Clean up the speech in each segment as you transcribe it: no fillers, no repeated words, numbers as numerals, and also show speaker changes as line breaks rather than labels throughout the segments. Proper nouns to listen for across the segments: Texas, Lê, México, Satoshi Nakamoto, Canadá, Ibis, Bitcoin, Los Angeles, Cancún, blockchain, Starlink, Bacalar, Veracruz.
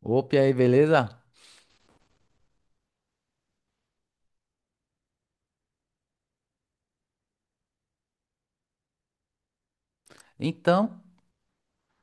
Opa, e aí, beleza? Então,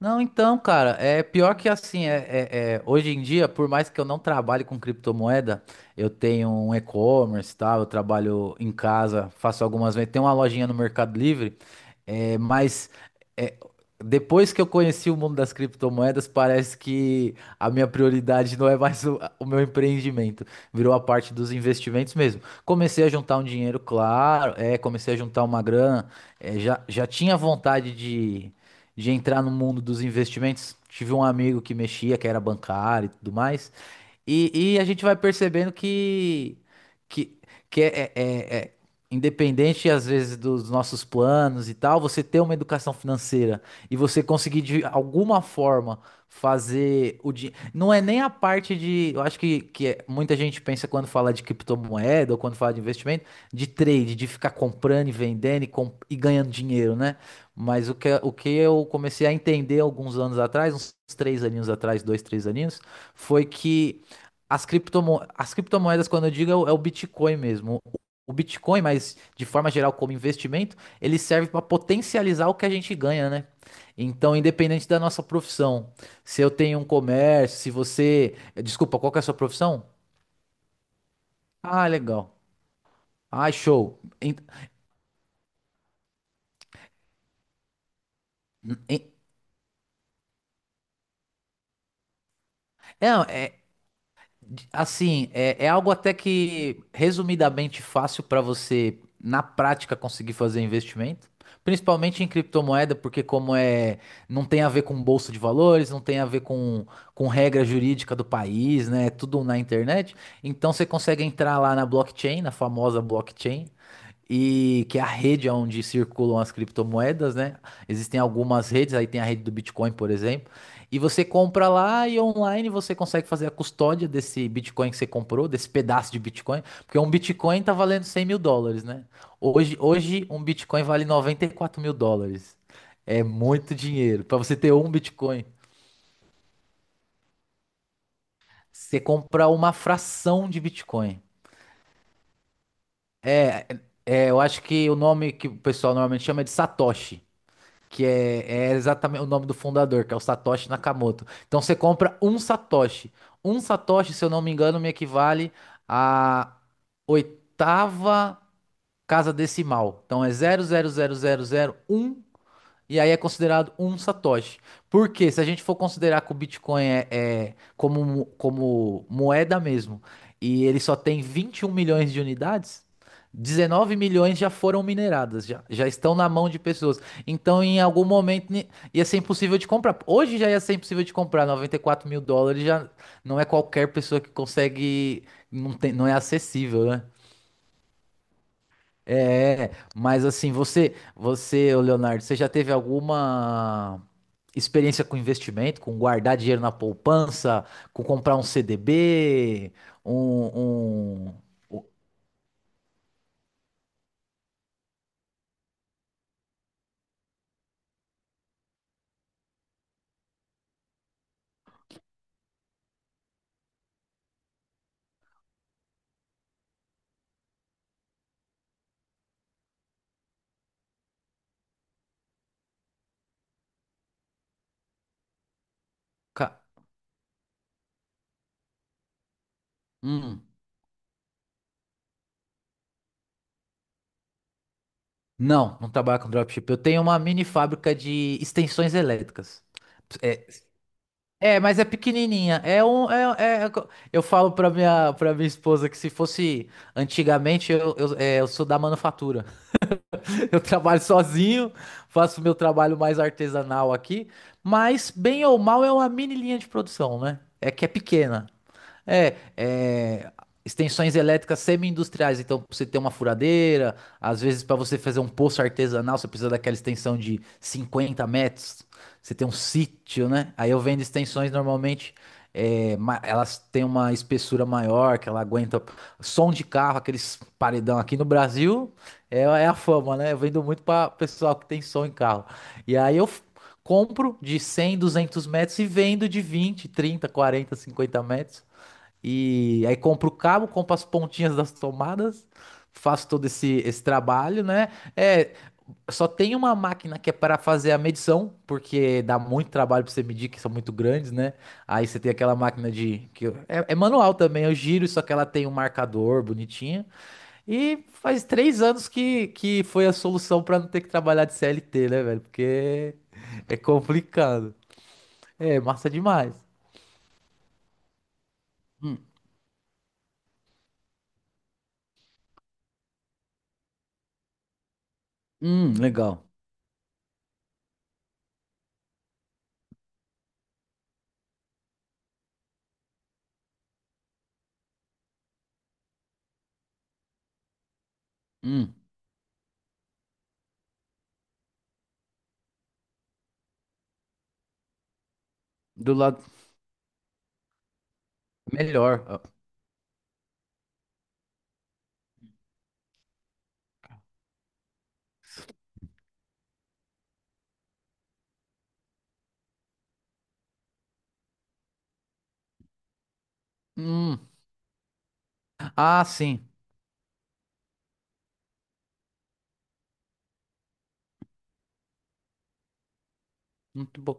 não, então, cara, é pior que assim, hoje em dia, por mais que eu não trabalhe com criptomoeda, eu tenho um e-commerce, tá? Eu trabalho em casa, faço algumas vendas, tenho uma lojinha no Mercado Livre, mas é, depois que eu conheci o mundo das criptomoedas, parece que a minha prioridade não é mais o meu empreendimento, virou a parte dos investimentos mesmo. Comecei a juntar um dinheiro, claro, comecei a juntar uma grana, já tinha vontade de entrar no mundo dos investimentos. Tive um amigo que mexia, que era bancário e tudo mais. E a gente vai percebendo que, que é, é- é- é independente, às vezes, dos nossos planos e tal, você ter uma educação financeira e você conseguir, de alguma forma, fazer o dinheiro. Não é nem a parte de. Eu acho que muita gente pensa quando fala de criptomoeda ou quando fala de investimento, de trade, de ficar comprando e vendendo e ganhando dinheiro, né? Mas o que eu comecei a entender alguns anos atrás, uns três aninhos atrás, dois, três aninhos, foi que as criptomoedas, quando eu digo, é o Bitcoin mesmo. O Bitcoin, mas de forma geral como investimento, ele serve para potencializar o que a gente ganha, né? Então, independente da nossa profissão, se eu tenho um comércio, se você. Desculpa, qual que é a sua profissão? Ah, legal. Ah, show. En- é, é, Assim, é algo até que resumidamente fácil para você, na prática, conseguir fazer investimento, principalmente em criptomoeda, porque como é, não tem a ver com bolsa de valores, não tem a ver com, regra jurídica do país, né? É tudo na internet. Então você consegue entrar lá na blockchain, na famosa blockchain, e que é a rede onde circulam as criptomoedas, né? Existem algumas redes, aí tem a rede do Bitcoin, por exemplo. E você compra lá e online você consegue fazer a custódia desse Bitcoin que você comprou, desse pedaço de Bitcoin, porque um Bitcoin tá valendo 100 mil dólares, né? Hoje um Bitcoin vale 94 mil dólares. É muito dinheiro. Para você ter um Bitcoin, você compra uma fração de Bitcoin. Eu acho que o nome que o pessoal normalmente chama é de Satoshi, que é exatamente o nome do fundador, que é o Satoshi Nakamoto. Então você compra um Satoshi. Um Satoshi, se eu não me engano, me equivale à oitava casa decimal. Então é 0,00001 e aí é considerado um satoshi, porque se a gente for considerar que o Bitcoin é como moeda mesmo, e ele só tem 21 milhões de unidades, 19 milhões já foram mineradas, já estão na mão de pessoas. Então, em algum momento, ia ser impossível de comprar. Hoje já ia ser impossível de comprar. 94 mil dólares já não é qualquer pessoa que consegue, não tem, não é acessível, né? É, mas assim, você, ô Leonardo, você já teve alguma experiência com investimento, com guardar dinheiro na poupança, com comprar um CDB, um, um, o ca- hum, não, não trabalho com dropship. Eu tenho uma mini fábrica de extensões elétricas. É, mas é pequenininha. Eu falo para minha esposa que se fosse antigamente, eu sou da manufatura. Eu trabalho sozinho, faço meu trabalho mais artesanal aqui, mas bem ou mal é uma mini linha de produção, né? É que é pequena. É, é, extensões elétricas semi-industriais. Então, pra você ter uma furadeira, às vezes para você fazer um poço artesanal, você precisa daquela extensão de 50 metros. Você tem um sítio, né? Aí eu vendo extensões normalmente, elas têm uma espessura maior, que ela aguenta som de carro, aqueles paredão aqui no Brasil, é a fama, né? Eu vendo muito para pessoal que tem som em carro. E aí eu compro de 100, 200 metros e vendo de 20, 30, 40, 50 metros. E aí compro o cabo, compro as pontinhas das tomadas, faço todo esse trabalho, né? É, só tem uma máquina que é para fazer a medição, porque dá muito trabalho para você medir, que são muito grandes, né? Aí você tem aquela máquina de... que eu- é, é manual também, eu giro, só que ela tem um marcador bonitinho. E faz 3 anos que foi a solução para não ter que trabalhar de CLT, né, velho? Porque é complicado. É, massa demais. Hum, legal. Hum. Do lado. Melhor. Ah, hum. Ah, sim. Muito bom.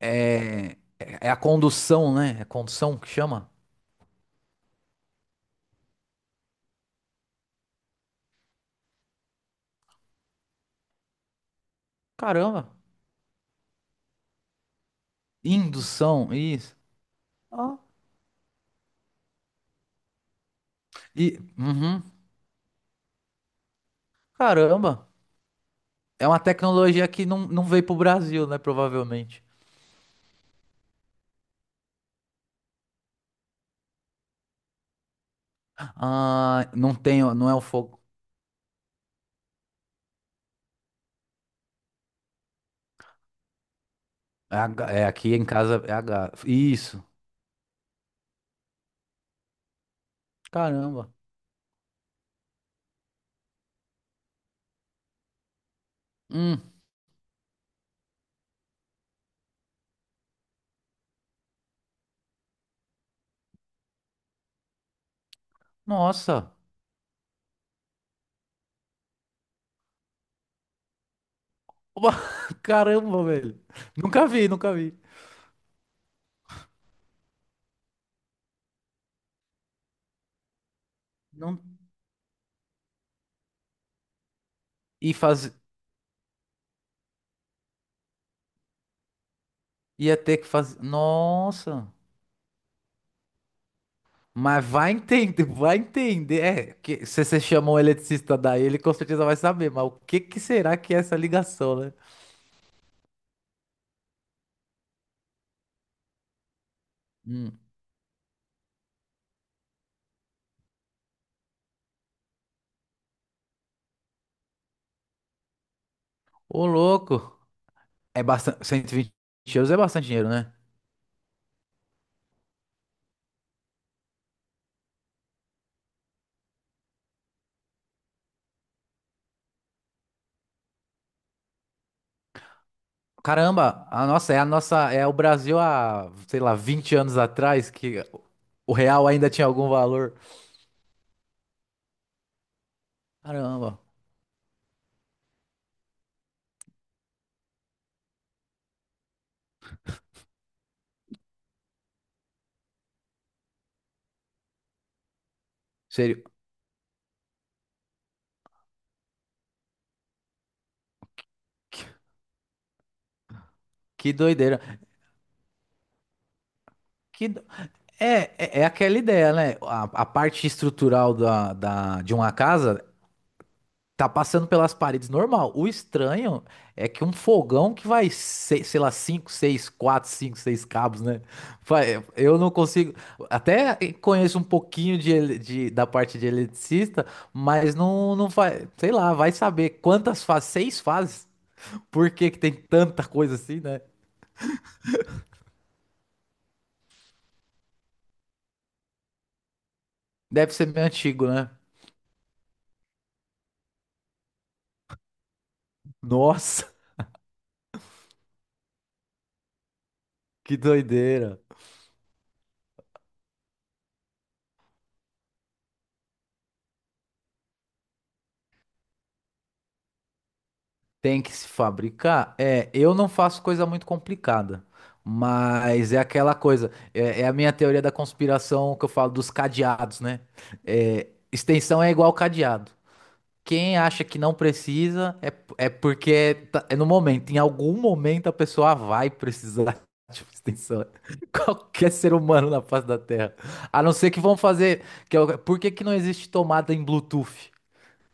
É, é a condução, né? É condução que chama? Caramba. Indução, isso. Ó. Uhum. Caramba. É uma tecnologia que não, não veio pro Brasil, né? Provavelmente. Ah, não tem, ó, não é o fogo. É, a ga- é aqui em casa é a gás. Isso. Caramba. Hum. Nossa. Oba, Caramba, velho. Nunca vi, nunca vi. Não. E faz. Ia ter que fazer. Nossa. Mas vai entender, vai entender. Que, se você chama um eletricista daí, ele com certeza vai saber. Mas o que que será que é essa ligação, né? Hum. Ô, louco. É bastante. 120 euros é bastante dinheiro, né? Caramba, a nossa. É o Brasil há, sei lá, 20 anos atrás que o real ainda tinha algum valor. Caramba. Sério. Que, que doideira. Que, do- é, é, é aquela ideia, né? A parte estrutural de uma casa. Tá passando pelas paredes normal. O estranho é que um fogão que vai, sei lá, 5, 6, 4, 5, 6 cabos, né? Eu não consigo. Até conheço um pouquinho da parte de eletricista, mas não, não vai. Sei lá, vai saber quantas fases, seis fases? Por que que tem tanta coisa assim, né? Deve ser meio antigo, né? Nossa, que doideira. Tem que se fabricar? É, eu não faço coisa muito complicada, mas é aquela coisa, é a minha teoria da conspiração que eu falo dos cadeados, né? Extensão é igual cadeado. Quem acha que não precisa é porque é no momento, em algum momento a pessoa vai precisar de uma extensão. Qualquer ser humano na face da Terra. A não ser que vão fazer. Por que que não existe tomada em Bluetooth?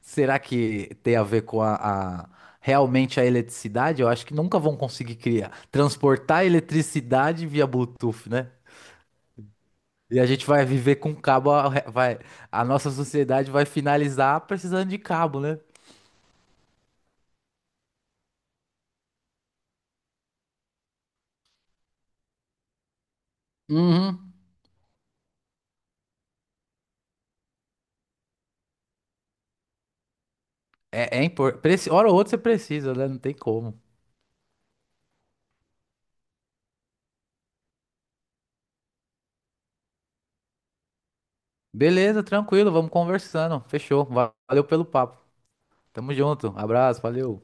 Será que tem a ver com a- realmente a eletricidade? Eu acho que nunca vão conseguir criar, transportar eletricidade via Bluetooth, né? E a gente vai viver com cabo, a nossa sociedade vai finalizar precisando de cabo, né? Uhum. É importante. Hora ou outra você precisa, né? Não tem como. Beleza, tranquilo, vamos conversando. Fechou. Valeu pelo papo. Tamo junto. Abraço, valeu.